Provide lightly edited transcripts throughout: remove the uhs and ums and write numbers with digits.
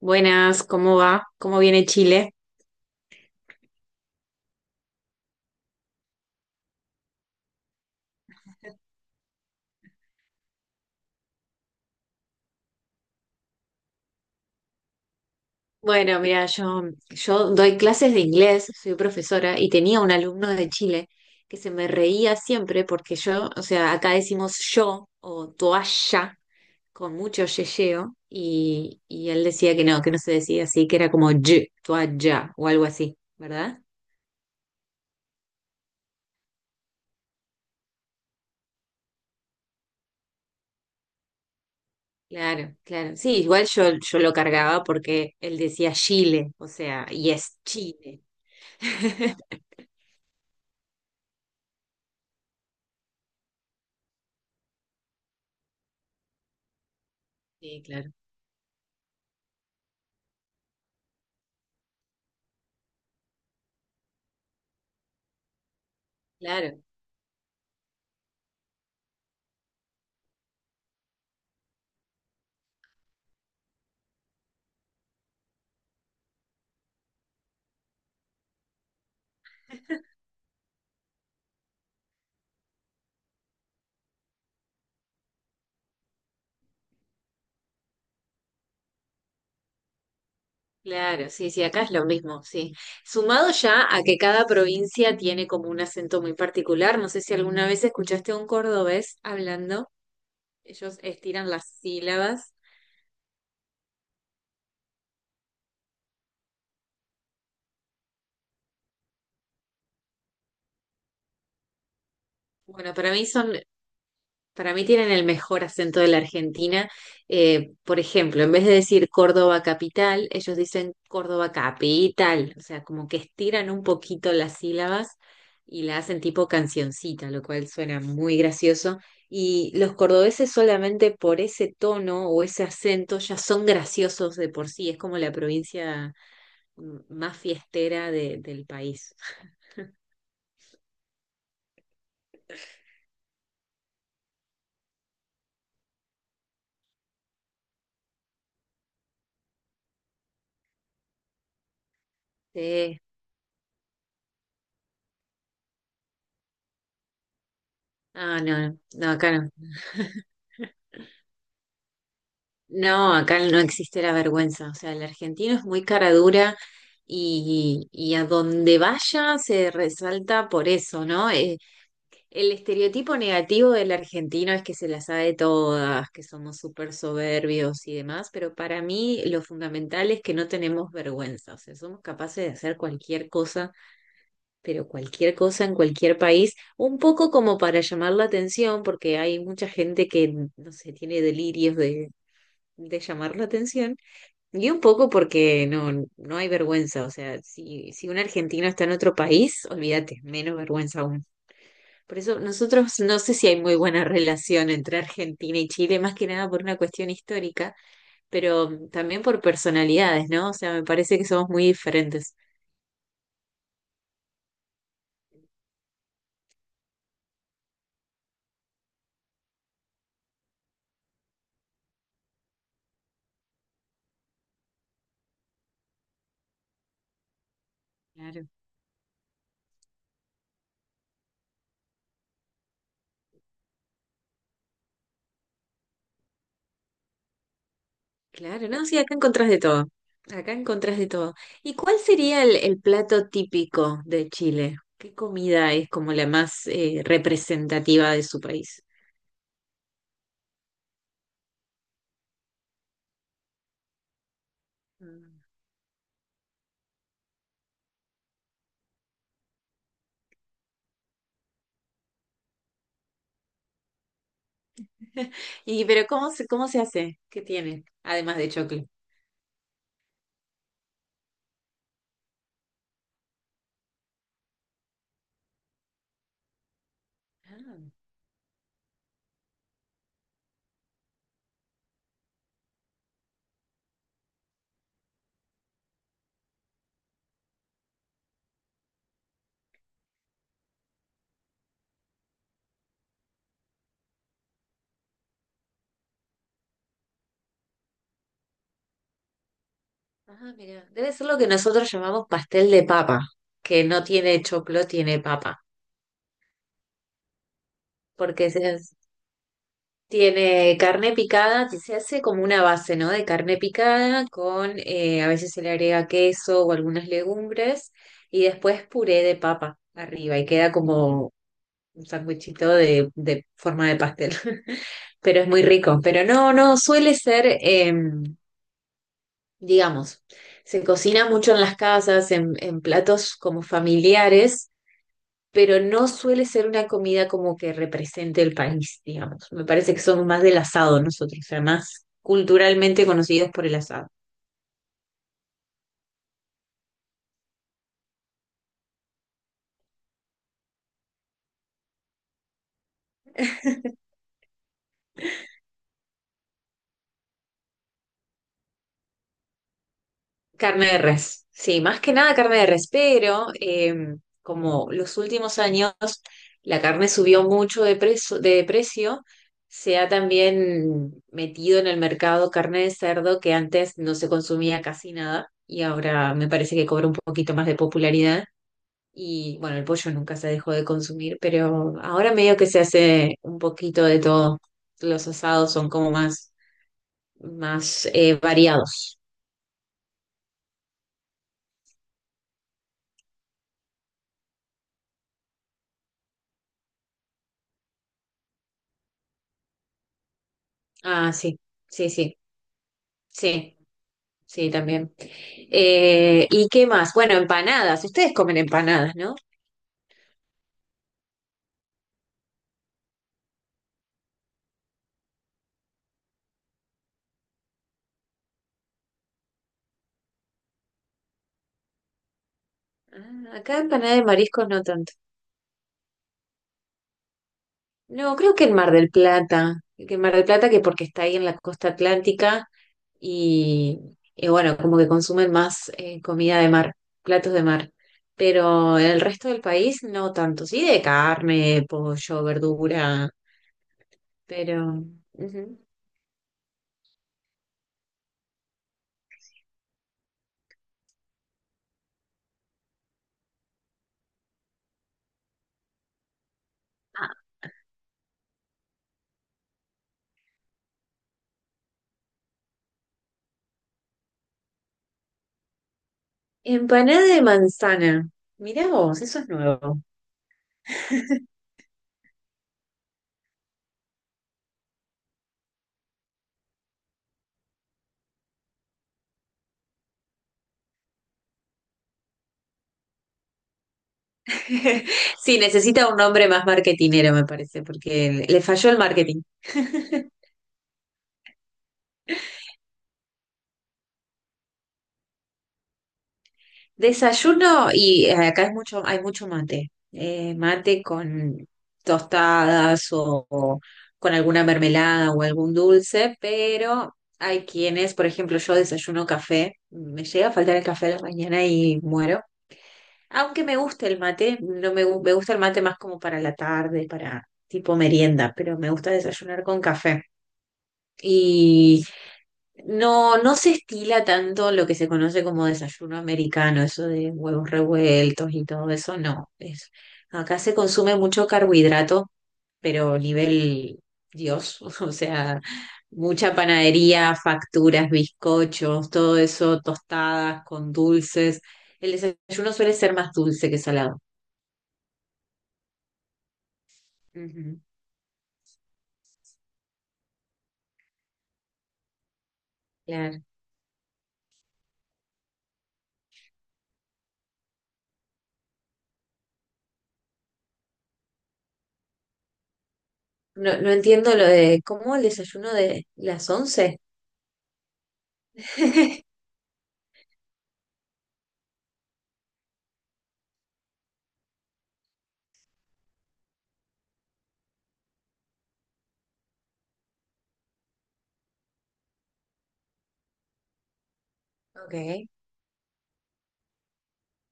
Buenas, ¿cómo va? ¿Cómo viene Chile? Bueno, mira, yo doy clases de inglés, soy profesora y tenía un alumno de Chile que se me reía siempre porque yo, o sea, acá decimos yo o toalla con mucho yeyeo y él decía que no se decía así, que era como y, toalla o algo así, ¿verdad? Claro, claro. Sí, igual yo lo cargaba porque él decía Chile, o sea, y es Chile. Sí, claro. Claro. Claro, sí, sí, acá es lo mismo, sí. Sumado ya a que cada provincia tiene como un acento muy particular, no sé si alguna vez escuchaste a un cordobés hablando, ellos estiran las sílabas. Bueno, para mí son Para mí tienen el mejor acento de la Argentina. Por ejemplo, en vez de decir Córdoba capital, ellos dicen Córdoba capital. O sea, como que estiran un poquito las sílabas y la hacen tipo cancioncita, lo cual suena muy gracioso. Y los cordobeses solamente por ese tono o ese acento ya son graciosos de por sí. Es como la provincia más fiestera del país. Sí. Ah, no, no, acá no. No, acá no existe la vergüenza. O sea, el argentino es muy cara dura y a donde vaya se resalta por eso, ¿no? El estereotipo negativo del argentino es que se las sabe todas, que somos súper soberbios y demás, pero para mí lo fundamental es que no tenemos vergüenza. O sea, somos capaces de hacer cualquier cosa, pero cualquier cosa en cualquier país, un poco como para llamar la atención, porque hay mucha gente que, no sé, tiene delirios de llamar la atención y un poco porque no, no hay vergüenza, o sea, si un argentino está en otro país, olvídate, menos vergüenza aún. Por eso nosotros no sé si hay muy buena relación entre Argentina y Chile, más que nada por una cuestión histórica, pero también por personalidades, ¿no? O sea, me parece que somos muy diferentes. Claro, claro, no, sí, acá encontrás de todo, acá encontrás de todo. ¿Y cuál sería el plato típico de Chile? ¿Qué comida es como la más representativa de su país? Mm. Y pero cómo se hace? ¿Qué tiene? Además de choclo. Ah, ah, mira. Debe ser lo que nosotros llamamos pastel de papa, que no tiene choclo, tiene papa. Porque se, hace- Tiene carne picada, que se hace como una base, ¿no? De carne picada con, a veces se le agrega queso o algunas legumbres y después puré de papa arriba y queda como un sándwichito de forma de pastel. Pero es muy rico. Pero no, no, suele ser... digamos, se cocina mucho en las casas, en platos como familiares, pero no suele ser una comida como que represente el país, digamos. Me parece que somos más del asado nosotros, o sea, más culturalmente conocidos por el asado. Carne de res, sí, más que nada carne de res, pero como los últimos años la carne subió mucho de precio, se ha también metido en el mercado carne de cerdo que antes no se consumía casi nada y ahora me parece que cobra un poquito más de popularidad. Y bueno, el pollo nunca se dejó de consumir, pero ahora medio que se hace un poquito de todo. Los asados son como más variados. Ah, sí, sí, sí. Sí, sí, también. ¿Y qué más? Bueno, empanadas. Ustedes comen empanadas, ¿no? Ah, acá empanada de mariscos no tanto. No, creo que en Mar del Plata. Que en Mar del Plata, que porque está ahí en la costa atlántica y, y bueno, como que consumen más comida de mar, platos de mar. Pero en el resto del país no tanto. Sí, de carne, pollo, verdura, pero... ujú. Ah, empanada de manzana. Mirá vos, eso es nuevo. Sí, necesita un nombre más marketinero, me parece, porque le falló el marketing. Desayuno y acá es mucho, hay mucho mate. Mate con tostadas o con alguna mermelada o algún dulce, pero hay quienes, por ejemplo, yo desayuno café, me llega a faltar el café a la mañana y muero. Aunque me gusta el mate, no me, me gusta el mate más como para la tarde, para tipo merienda, pero me gusta desayunar con café. Y no, no se estila tanto lo que se conoce como desayuno americano, eso de huevos revueltos y todo eso, no. Es, acá se consume mucho carbohidrato, pero nivel Dios, o sea, mucha panadería, facturas, bizcochos, todo eso, tostadas con dulces. El desayuno suele ser más dulce que salado. Ujú, claro. No, no entiendo lo de, ¿cómo el desayuno de las once? Ok.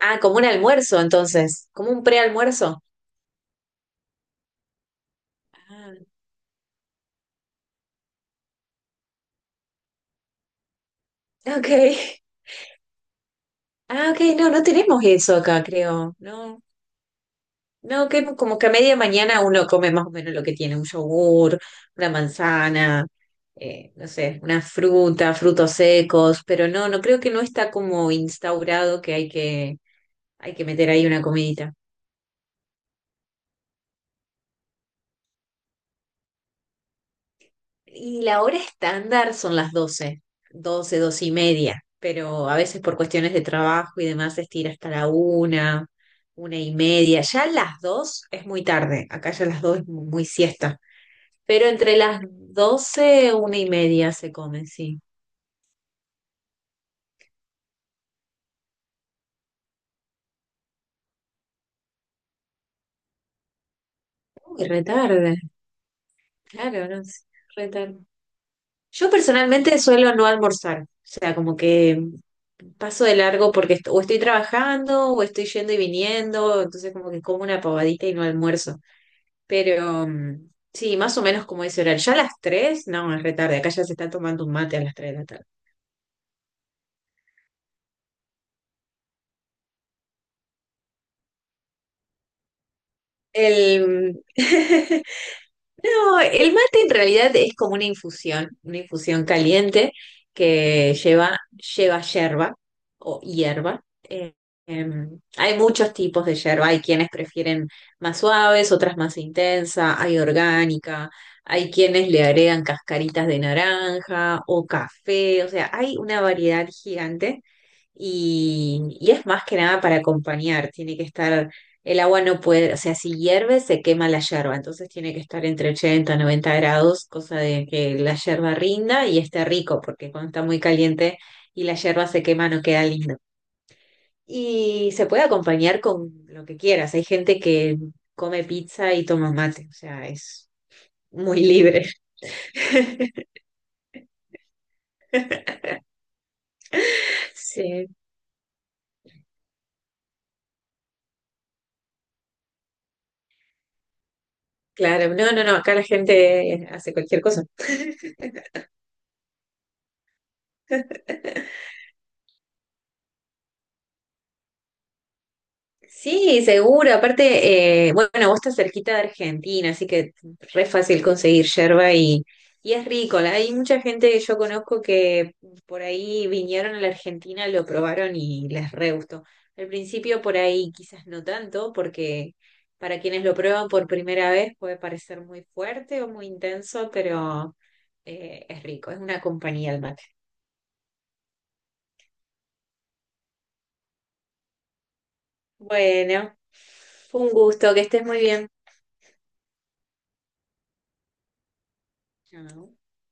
Ah, como un almuerzo entonces, como un prealmuerzo. Ah, ok. Ah, ok, no, no tenemos eso acá, creo. No, no, que como que a media mañana uno come más o menos lo que tiene, un yogur, una manzana, no sé, una fruta, frutos secos, pero no, no creo que no está como instaurado que hay que, meter ahí una comidita. Y la hora estándar son las 12, 12 y media, pero a veces por cuestiones de trabajo y demás se estira hasta la una y media. Ya las 2 es muy tarde, acá ya las 2 es muy siesta, pero entre las 12 una y media se come, sí. Uy, retarde, claro, no sé, retarde. Yo personalmente suelo no almorzar, o sea, como que paso de largo porque o estoy trabajando o estoy yendo y viniendo, entonces como que como una pavadita y no almuerzo. Pero mm, sí, más o menos como dice Oral. Ya a las tres no, es re tarde. Acá ya se está tomando un mate a las 3 de la tarde. El... No, el mate en realidad es como una infusión caliente que lleva yerba o hierba. Hay muchos tipos de yerba, hay quienes prefieren más suaves, otras más intensa, hay orgánica, hay quienes le agregan cascaritas de naranja o café, o sea, hay una variedad gigante y es más que nada para acompañar, tiene que estar, el agua no puede, o sea, si hierve se quema la yerba, entonces tiene que estar entre 80 y 90 grados, cosa de que la yerba rinda y esté rico, porque cuando está muy caliente y la yerba se quema no queda lindo. Y se puede acompañar con lo que quieras, hay gente que come pizza y toma mate, o sea, es muy libre. Sí, claro, no, no, no, acá la gente hace cualquier cosa. Sí, seguro. Aparte, bueno, vos estás cerquita de Argentina, así que re fácil conseguir yerba y es rico. Hay mucha gente que yo conozco que por ahí vinieron a la Argentina, lo probaron y les re gustó. Al principio por ahí quizás no tanto, porque para quienes lo prueban por primera vez puede parecer muy fuerte o muy intenso, pero es rico, es una compañía el mate. Bueno, fue un gusto, que estés muy bien. Chao.